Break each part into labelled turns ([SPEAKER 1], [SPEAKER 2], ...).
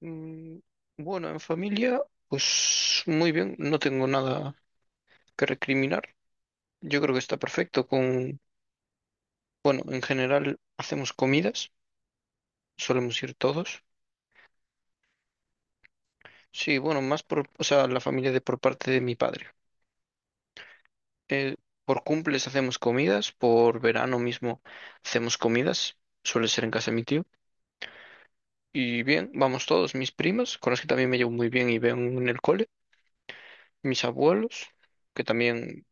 [SPEAKER 1] Mm, Bueno, en familia, pues muy bien, no tengo nada que recriminar. Yo creo que está perfecto con, bueno, en general hacemos comidas, solemos ir todos. Sí, bueno, más por, o sea, la familia de por parte de mi padre. Eh, por cumples hacemos comidas, por verano mismo hacemos comidas, suele ser en casa de mi tío. Y bien, vamos todos, mis primas, con las que también me llevo muy bien y veo en el cole, mis abuelos, que también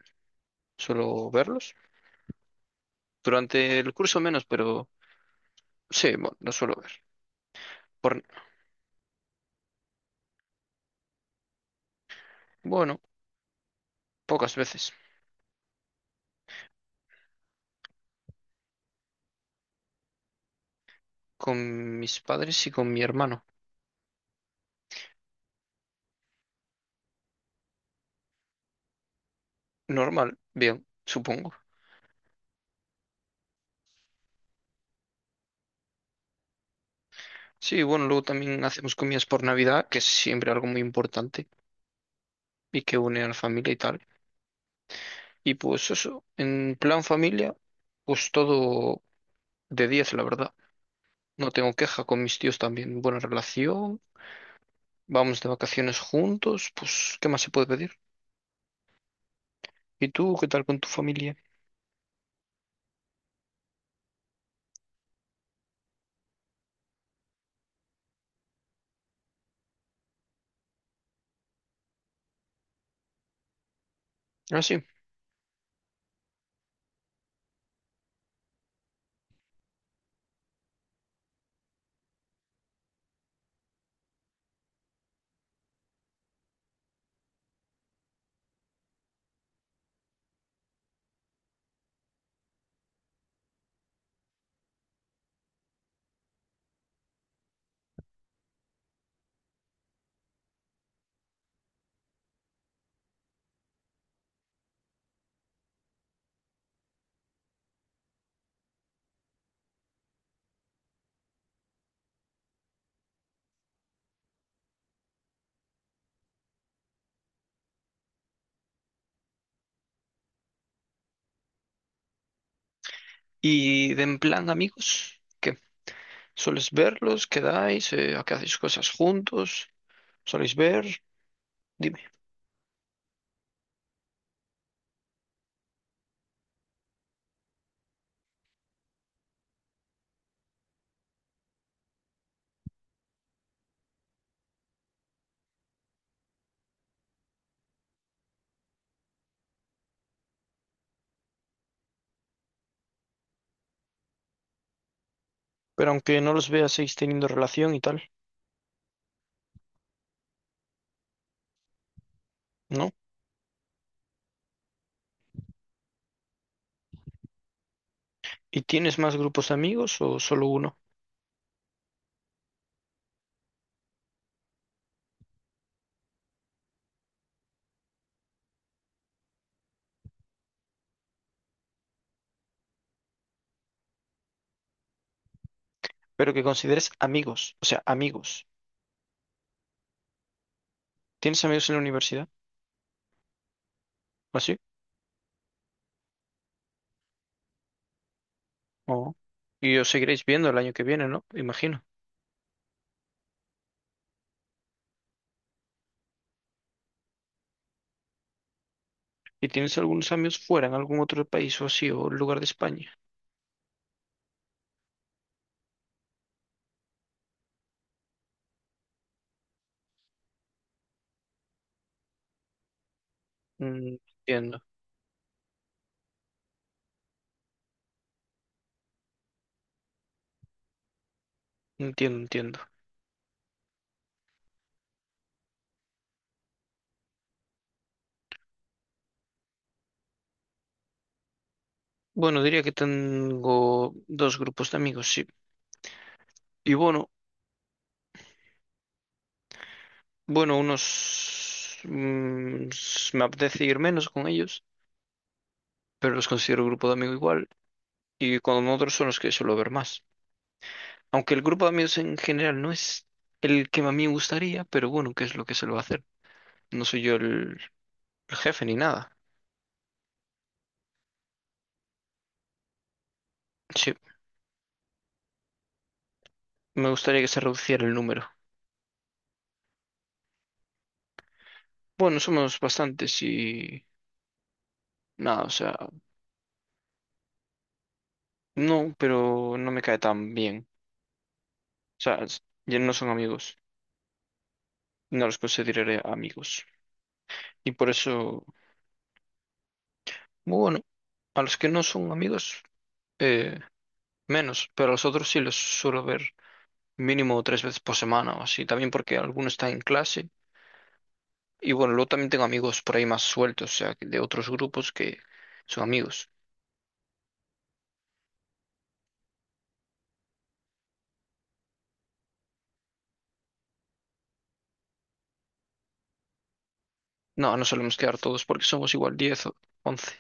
[SPEAKER 1] suelo verlos. Durante el curso menos, pero sí, bueno, lo suelo ver. Por, bueno, pocas veces. Con mis padres y con mi hermano. Normal, bien, supongo. Sí, bueno, luego también hacemos comidas por Navidad, que es siempre algo muy importante y que une a la familia y tal. Y pues eso, en plan familia, pues todo de 10, la verdad. No tengo queja con mis tíos también. Buena relación, vamos de vacaciones juntos, pues, ¿qué más se puede pedir? ¿Y tú qué tal con tu familia? Ah, sí. Y de en plan amigos, ¿qué? ¿Soles verlos? ¿Quedáis? ¿A qué hacéis cosas juntos? ¿Soléis ver? Dime. Pero aunque no los veas, seguís teniendo relación y tal, ¿no? ¿Y tienes más grupos de amigos o solo uno? Pero que consideres amigos, o sea, amigos. ¿Tienes amigos en la universidad? ¿O así? ¿O? Y os seguiréis viendo el año que viene, ¿no? Imagino. ¿Y tienes algunos amigos fuera, en algún otro país o así, o lugar de España? Mm, entiendo, entiendo, entiendo. Bueno, diría que tengo dos grupos de amigos, sí. Y bueno, bueno, unos me apetece ir menos con ellos, pero los considero grupo de amigos igual. Y con otros son los que suelo ver más. Aunque el grupo de amigos en general no es el que a mí me gustaría, pero bueno, ¿qué es lo que se lo va a hacer? No soy yo el jefe ni nada. Sí, me gustaría que se reduciera el número. Bueno, somos bastantes y nada, o sea, no, pero no me cae tan bien. O sea, ya no son amigos, no los consideraré amigos. Y por eso. Bueno, a los que no son amigos, eh, menos, pero a los otros sí los suelo ver mínimo tres veces por semana o así, también porque alguno está en clase. Y bueno, luego también tengo amigos por ahí más sueltos, o sea, que de otros grupos que son amigos. No, no solemos quedar todos porque somos igual 10 o 11.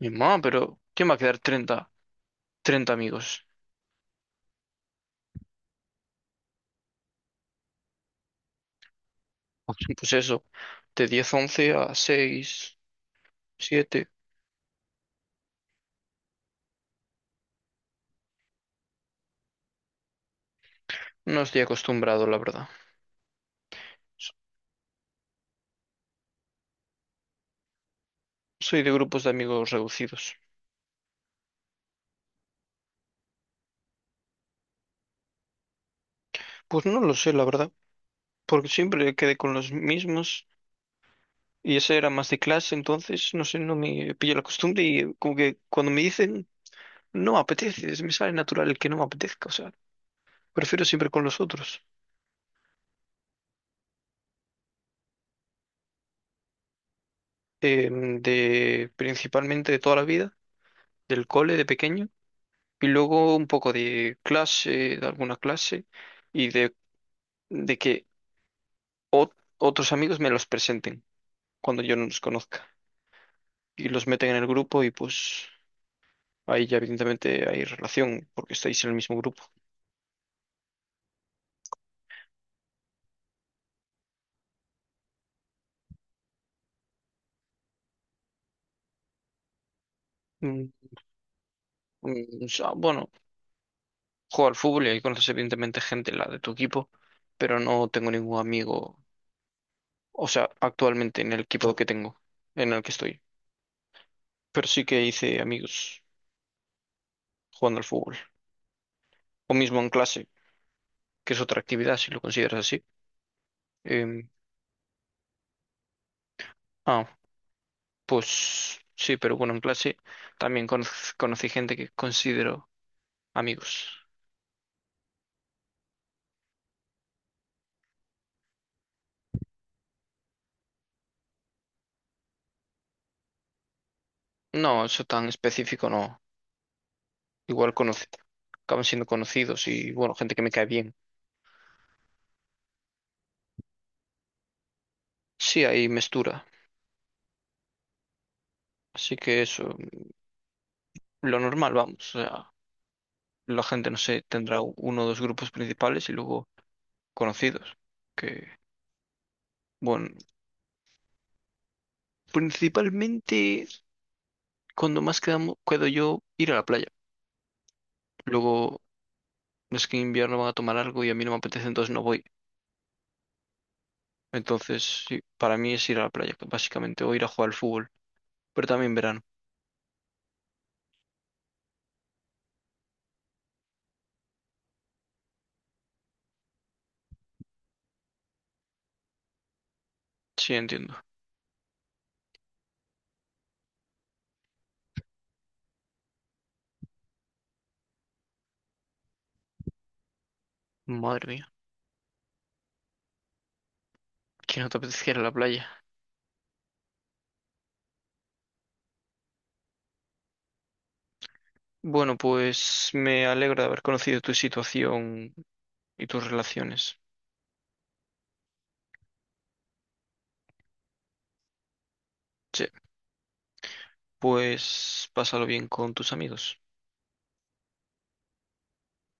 [SPEAKER 1] Mi mamá, pero ¿quién va a quedar 30 30 amigos? Pues eso, de 10 11 a 6 7. No estoy acostumbrado, la verdad. S- Soy de grupos de amigos reducidos. Pues no lo sé, la verdad. Porque siempre quedé con los mismos y ese era más de clase, entonces no sé, no me pillé la costumbre y como que cuando me dicen no me apetece, me sale natural el que no me apetezca, o sea, prefiero siempre con los otros, de principalmente de toda la vida, del cole de pequeño y luego un poco de clase, de alguna clase y de que ot- otros amigos me los presenten cuando yo no los conozca y los meten en el grupo y pues ahí ya evidentemente hay relación porque estáis en el mismo grupo. Mm, mm, o sea, bueno, juego al fútbol y ahí conoces evidentemente gente, la de tu equipo, pero no tengo ningún amigo, o sea, actualmente en el equipo que tengo, en el que estoy. Pero sí que hice amigos jugando al fútbol, o mismo en clase, que es otra actividad, si lo consideras así. Em, ah, pues sí, pero bueno, en clase también conocí gente que considero amigos. No, eso tan específico no. Igual conocí, acaban siendo conocidos y, bueno, gente que me cae bien. Sí, hay mestura. Así que eso, lo normal, vamos. O sea, la gente, no sé, tendrá uno o dos grupos principales y luego conocidos. Que, bueno, principalmente cuando más quedo yo ir a la playa. Luego es que en invierno van a tomar algo y a mí no me apetece, entonces no voy. Entonces, sí, para mí es ir a la playa, básicamente, o ir a jugar al fútbol. Pero también verano. Sí, entiendo. Madre mía, que no te apetece ir a la playa. Bueno, pues me alegro de haber conocido tu situación y tus relaciones. Sí, pues pásalo bien con tus amigos.